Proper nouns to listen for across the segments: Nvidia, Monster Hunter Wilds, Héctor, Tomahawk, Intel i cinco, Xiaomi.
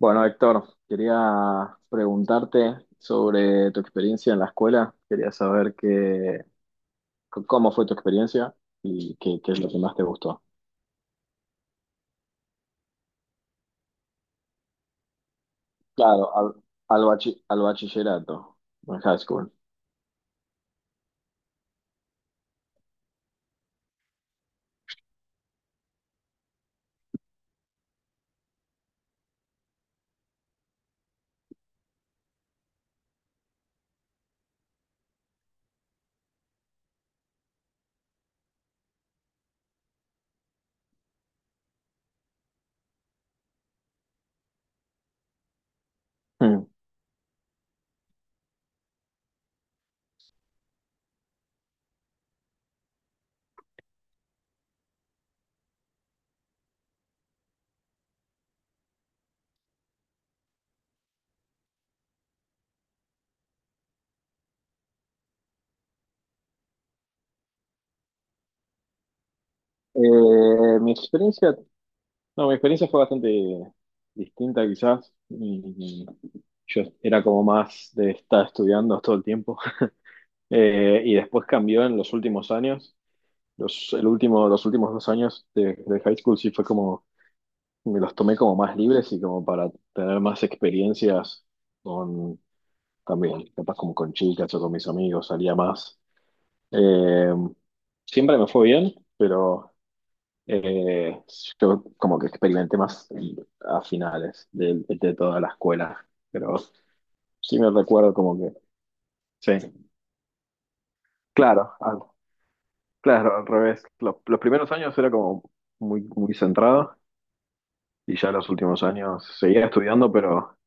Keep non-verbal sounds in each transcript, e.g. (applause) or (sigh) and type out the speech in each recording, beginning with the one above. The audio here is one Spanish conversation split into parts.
Bueno, Héctor, quería preguntarte sobre tu experiencia en la escuela. Quería saber cómo fue tu experiencia y qué es lo que más te gustó. Claro, al, al bachillerato, en high school. Hmm. Mi experiencia, no, Mi experiencia fue bastante distinta quizás. Yo era como más de estar estudiando todo el tiempo. (laughs) Y después cambió en los últimos años. Los últimos dos años de high school sí fue como, me los tomé como más libres y como para tener más experiencias con, también, capaz como con chicas o con mis amigos, salía más. Eh, Siempre me fue bien, pero eh, yo como que experimenté más a finales de toda la escuela, pero sí me recuerdo como que, sí, claro, al- claro, al revés. Los primeros años era como muy centrado. Y ya en los últimos años seguía estudiando, pero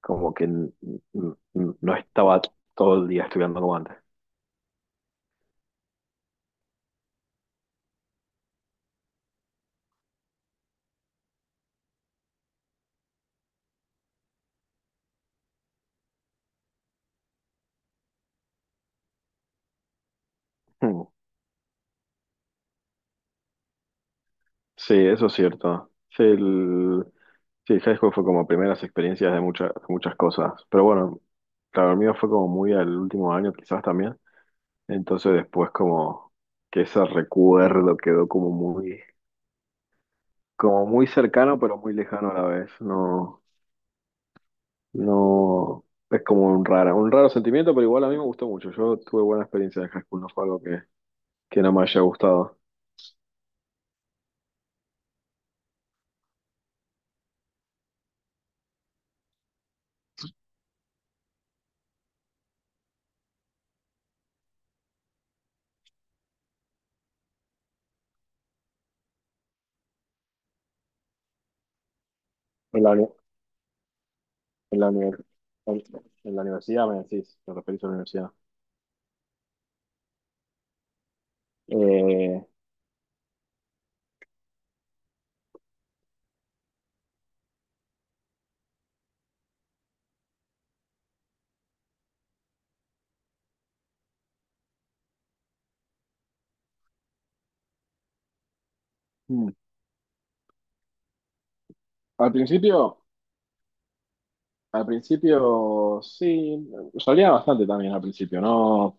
como que no estaba todo el día estudiando como antes. Hmm. Sí, eso es cierto. Sí, el high school fue como primeras experiencias de muchas cosas. Pero bueno, claro, el mío fue como muy al último año quizás también. Entonces después como que ese recuerdo quedó como muy cercano, pero muy lejano a la vez. No, no, es como un raro sentimiento, pero igual a mí me gustó mucho. Yo tuve buena experiencia de high school, no fue algo que no me haya gustado. En la, uni- en la, uni- en, en la universidad, me decís, te referís a la universidad. Eh, mm, al principio, Al principio sí, salía bastante también al principio, ¿no?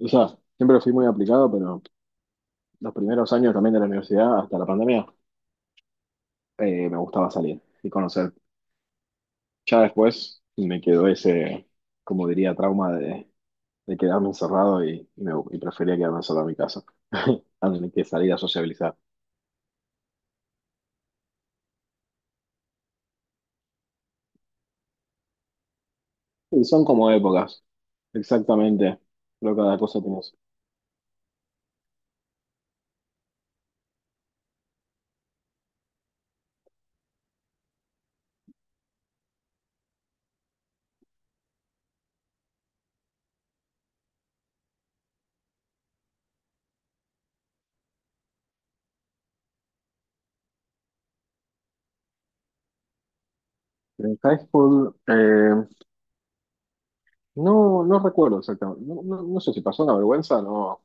O sea, siempre fui muy aplicado, pero los primeros años también de la universidad, hasta la pandemia, me gustaba salir y conocer. Ya después me quedó ese trauma de quedarme encerrado y y prefería quedarme encerrado en mi casa, (laughs) antes que salir a sociabilizar. Y son como épocas, exactamente, pero cada cosa tiene su- En high school, no, no recuerdo exactamente, no sé si pasó una vergüenza, no,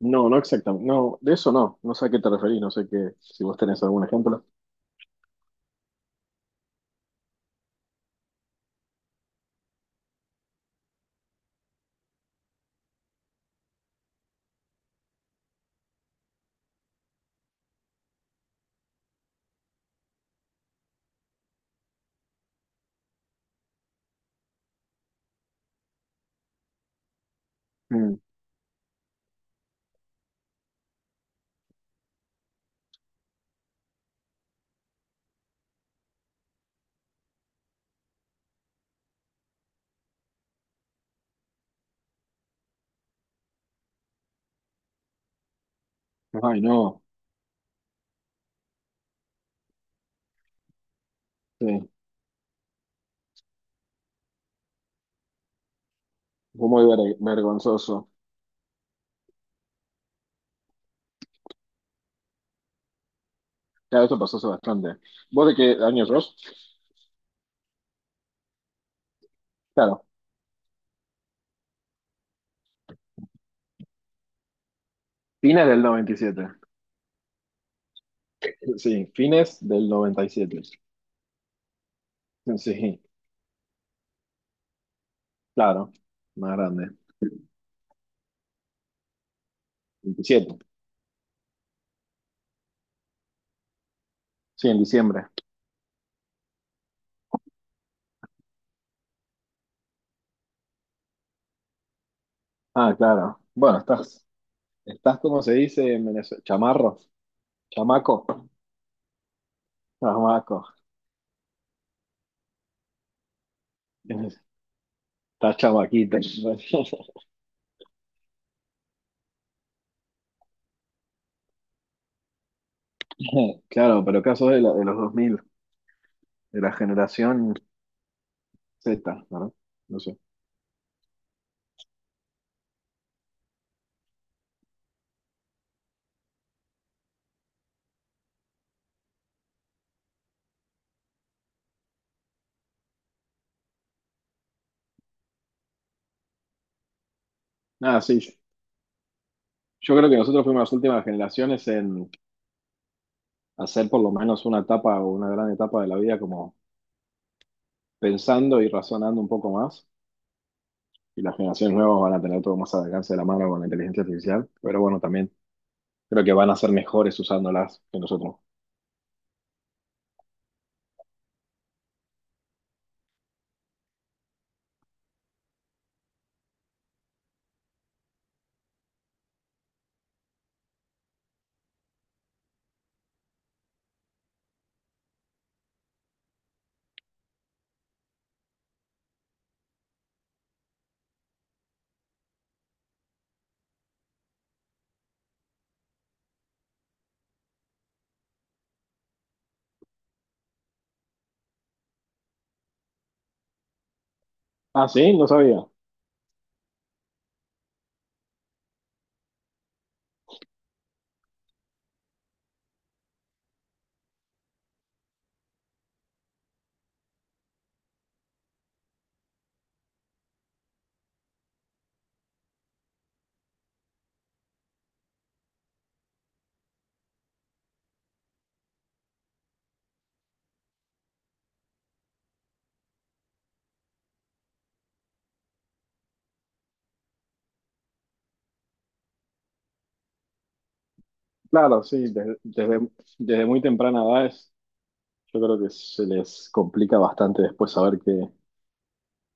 no, no exactamente, no, de eso no, no sé a qué te referís, no sé qué, si vos tenés algún ejemplo. Mm. Ay, no, sí, fue muy vergonzoso. Claro, esto pasó hace bastante. ¿Vos de qué año sos? Claro, fines del noventa y siete. Sí, fines del noventa y siete. Sí, claro, más grande. 27. Sí, en diciembre. Ah, claro. Bueno, estás como se dice en Venezuela, chamaco, chamaco. Estás chamaquita. (laughs) Claro, pero caso de los dos mil, de la generación Z, ¿verdad? No sé. Nada, sí. Yo creo que nosotros fuimos las últimas generaciones hacer por lo menos una etapa o una gran etapa de la vida como pensando y razonando un poco más. Y las generaciones nuevas van a tener todo más al alcance de la mano con la inteligencia artificial, pero bueno, también creo que van a ser mejores usándolas que nosotros. Ah, sí, no sabía. Claro, sí, desde, desde, Desde muy temprana edad es- yo creo que se les complica bastante después saber que,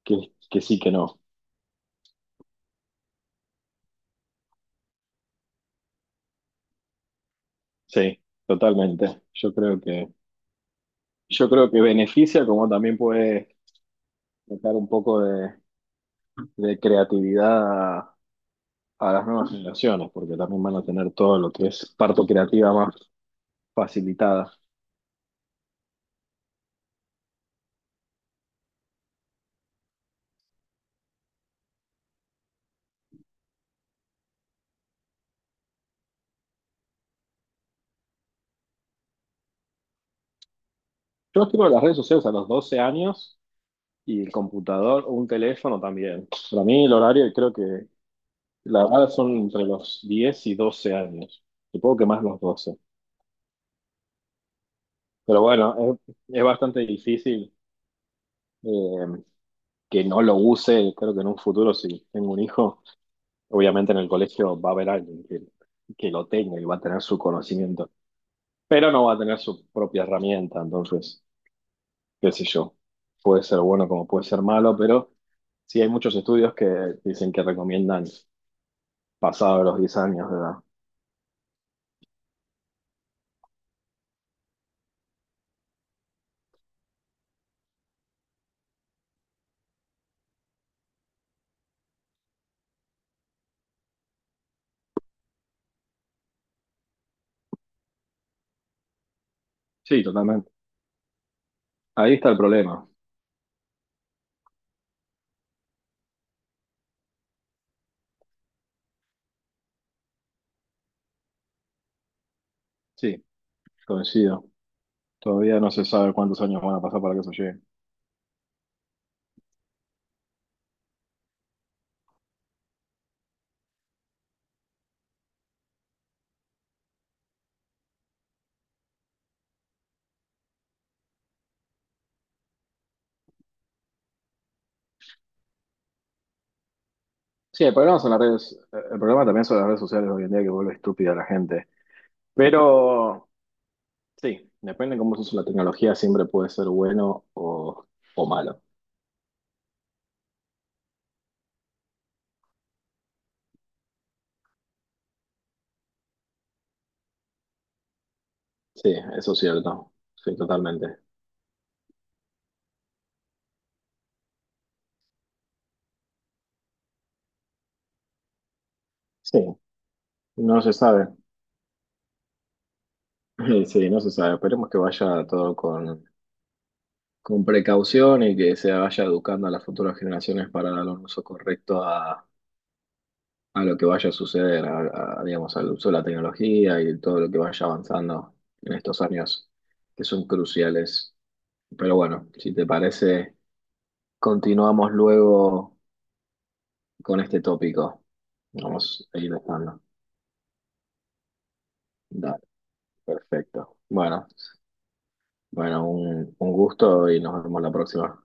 que, que sí, que no. Sí, totalmente. Yo creo que beneficia como también puede sacar un poco de creatividad a las nuevas generaciones, porque también van a tener todo lo que es parto creativa más facilitada. Yo escribo en las redes sociales a los 12 años y el computador o un teléfono también. Para mí el horario creo que la verdad son entre los 10 y 12 años. Supongo que más los 12. Pero bueno, es bastante difícil eh, que no lo use. Creo que en un futuro, si tengo un hijo, obviamente en el colegio va a haber alguien que lo tenga y va a tener su conocimiento, pero no va a tener su propia herramienta. Entonces, qué sé yo, puede ser bueno como puede ser malo, pero sí hay muchos estudios que dicen que recomiendan pasado los 10 años de edad. Sí, totalmente. Ahí está el problema. Sí, coincido. Todavía no se sabe cuántos años van a pasar para que eso llegue. Sí, el problema son las redes, el problema también son las redes sociales hoy en día que vuelve estúpida a la gente. Pero sí, depende de cómo se usa la tecnología, siempre puede ser bueno o malo. Sí, eso es cierto. Sí, totalmente. Sí, no se sabe. (laughs) Sí, no se sabe. Esperemos que vaya todo con precaución y que se vaya educando a las futuras generaciones para dar un uso correcto a lo que vaya a suceder, a, digamos, al uso de la tecnología y todo lo que vaya avanzando en estos años que son cruciales. Pero bueno, si te parece, continuamos luego con este tópico. Vamos a ir dejando. Dale, perfecto. Bueno, un gusto y nos vemos la próxima.